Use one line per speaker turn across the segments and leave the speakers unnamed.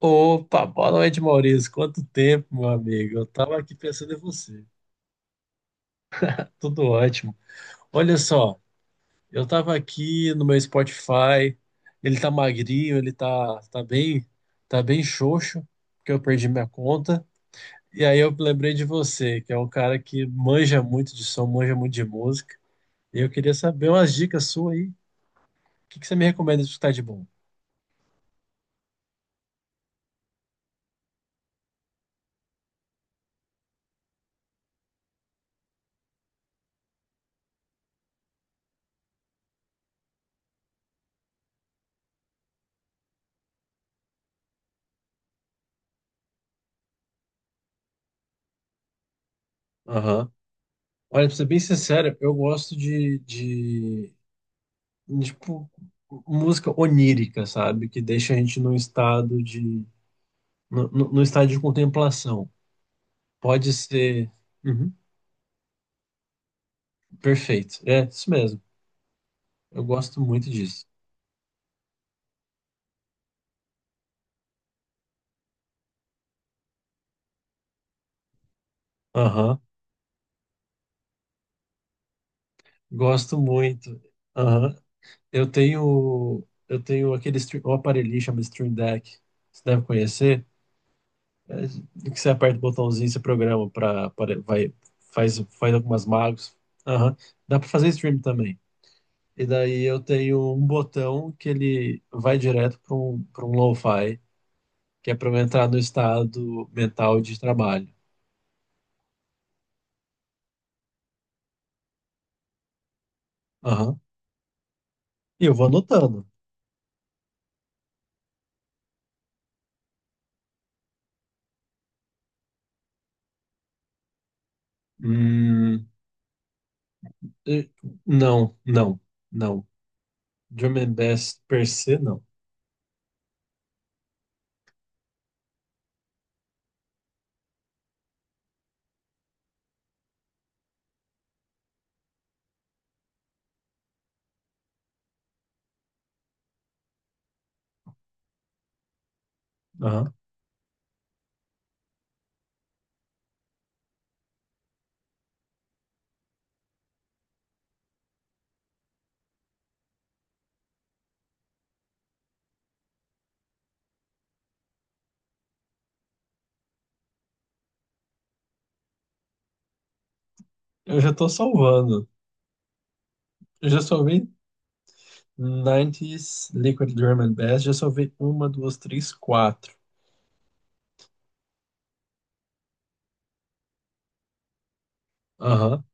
Opa, boa noite, Maurício. Quanto tempo, meu amigo? Eu tava aqui pensando em você. Tudo ótimo. Olha só, eu tava aqui no meu Spotify. Ele tá magrinho, ele tá, tá bem xoxo, porque eu perdi minha conta. E aí eu lembrei de você, que é um cara que manja muito de som, manja muito de música. E eu queria saber umas dicas suas aí. O que que você me recomenda de escutar de bom? Aham. Olha, pra ser bem sincero, eu gosto de tipo, música onírica, sabe? Que deixa a gente num estado de. No, no- no estado de contemplação. Pode ser. Uhum, perfeito. É, isso mesmo. Eu gosto muito disso. Aham. Gosto muito. Aham. Eu tenho aquele stream, um aparelhinho chama Stream Deck. Você deve conhecer. É, que você aperta o botãozinho, você programa para. Vai, faz algumas magos. Aham. Dá para fazer stream também. E daí eu tenho um botão que ele vai direto para um lo-fi, que é para eu entrar no estado mental de trabalho. Aham. E eu vou anotando. Hum, eh, não, não, não. Drum and Bass per se, não. Aham. Eu já estou salvando. Eu já salvei 90 Liquid Drum and Bass, já salvei uma, duas, três, quatro. Aham.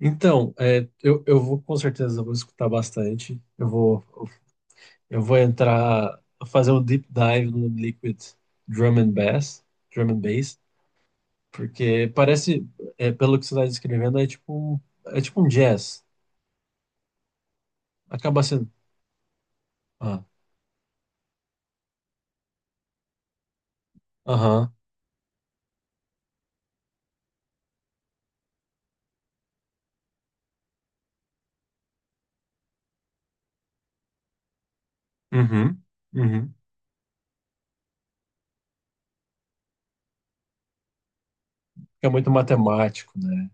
Então, eu vou, com certeza vou escutar bastante. Eu vou entrar, fazer um deep dive no Liquid Drum and Bass, Drum and Bass, porque parece, pelo que você está descrevendo, é tipo um jazz. Acaba sendo. Ah, aham, uhum, uhum. É muito matemático, né?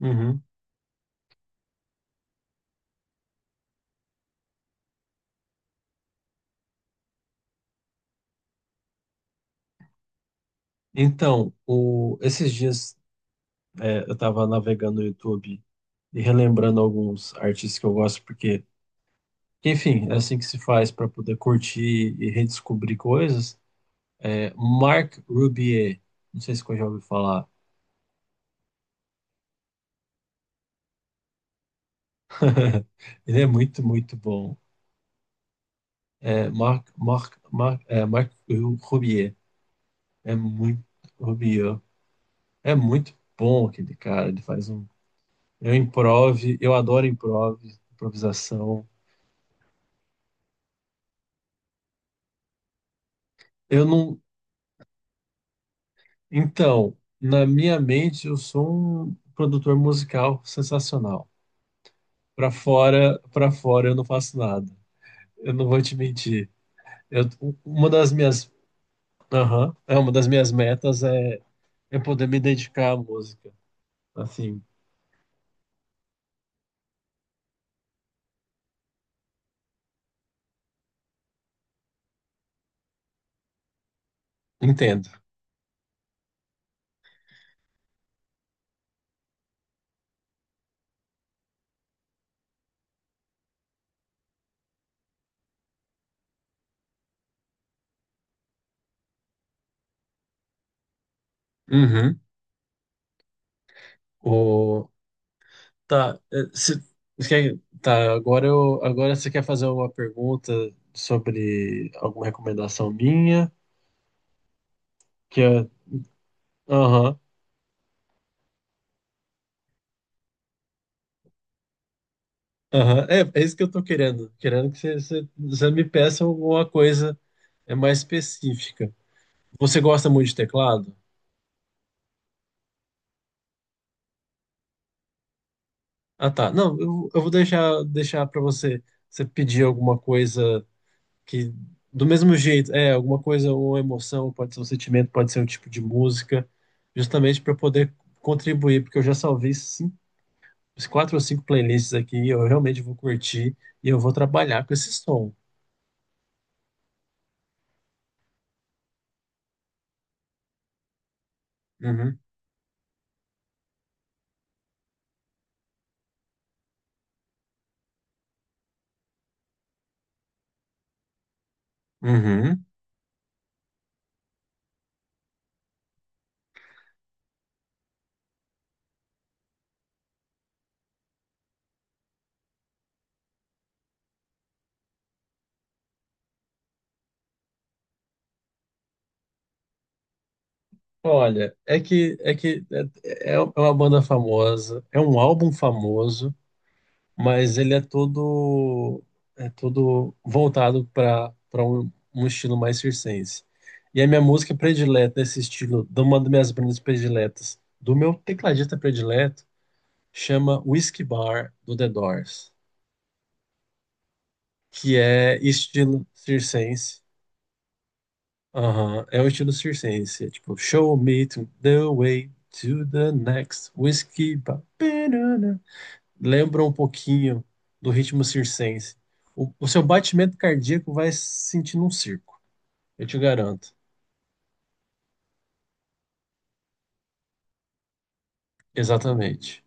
Uhum. Então, esses dias eu estava navegando no YouTube e relembrando alguns artistas que eu gosto, porque, enfim, é assim que se faz para poder curtir e redescobrir coisas. É, Marc Rubier, não sei se você já ouviu falar. Ele é muito, muito bom. Marc Rubier é muito, Rubier é muito bom aquele cara. Ele faz um, eu improv, eu adoro improvisação. Eu não, então, na minha mente eu sou um produtor musical sensacional. Para fora eu não faço nada. Eu não vou te mentir. Eu, uma das minhas Aham. É uma das minhas metas é poder me dedicar à música. Assim, entendo. Uhum. O... Tá, é, se... você quer- tá, agora você quer fazer uma pergunta sobre alguma recomendação minha? Que é... Aham, aham. É, é isso que eu tô querendo. Querendo que você me peça alguma coisa mais específica. Você gosta muito de teclado? Ah, tá. Não, eu vou deixar para você pedir alguma coisa que do mesmo jeito, alguma coisa, uma emoção, pode ser um sentimento, pode ser um tipo de música, justamente para poder contribuir, porque eu já salvei cinco, quatro ou cinco playlists aqui, e eu realmente vou curtir e eu vou trabalhar com esse som. Uhum. Uhum. Olha, é que é uma banda famosa, é um álbum famoso, mas ele é todo, é todo voltado para um estilo mais circense. E a minha música predileta desse estilo, de uma das minhas bandas prediletas, do meu tecladista predileto, chama Whiskey Bar do The Doors, que é estilo circense. Aham, é o estilo circense, é tipo "Show me to the way to the next whiskey bar", lembra um pouquinho do ritmo circense. O seu batimento cardíaco vai se sentir num circo, eu te garanto. Exatamente.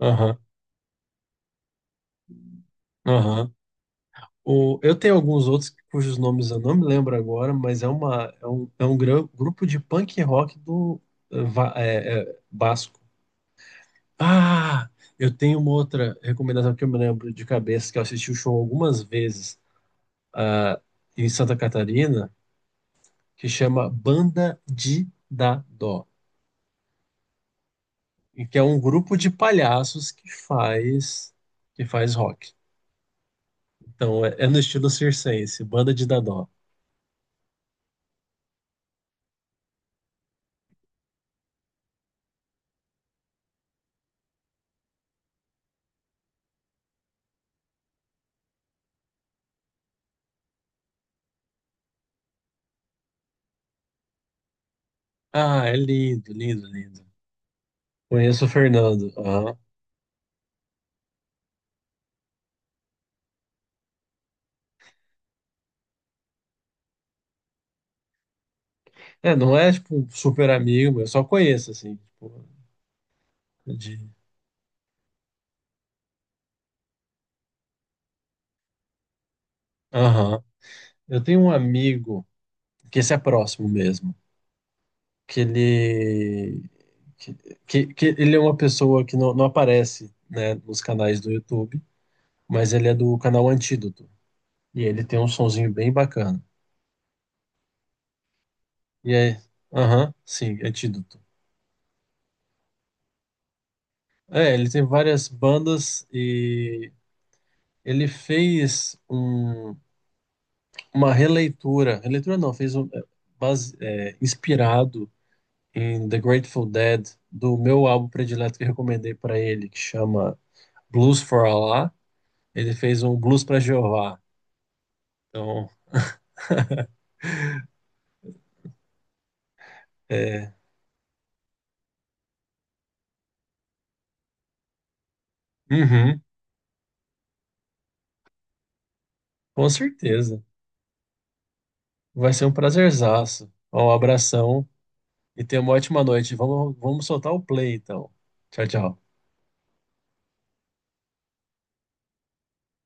Aham, aham. Eu tenho alguns outros cujos nomes eu não me lembro agora, mas é um grupo de punk rock do Basco. Ah, eu tenho uma outra recomendação que eu me lembro de cabeça, que eu assisti o show algumas vezes, ah, em Santa Catarina, que chama Banda de Dadó, e que é um grupo de palhaços que faz rock. Então, é é no estilo circense, banda de dadó. Ah, é lindo, lindo, lindo. Conheço o Fernando. Aham. É, não é tipo um super amigo, meu, eu só conheço assim, tipo, de. Aham. Eu tenho um amigo que esse é próximo mesmo, que ele que, que ele é uma pessoa que não, não aparece, né, nos canais do YouTube, mas ele é do canal Antídoto e ele tem um sonzinho bem bacana. E aham, sim, é Antídoto. Ele tem várias bandas e ele fez um- uma releitura, releitura não, fez um, base, inspirado em The Grateful Dead, do meu álbum predileto que eu recomendei para ele, que chama Blues for Allah. Ele fez um Blues para Jeová. Então, é, uhum, com certeza. Vai ser um prazerzaço. Um abração e tenha uma ótima noite. Vamos soltar o play, então. Tchau, tchau.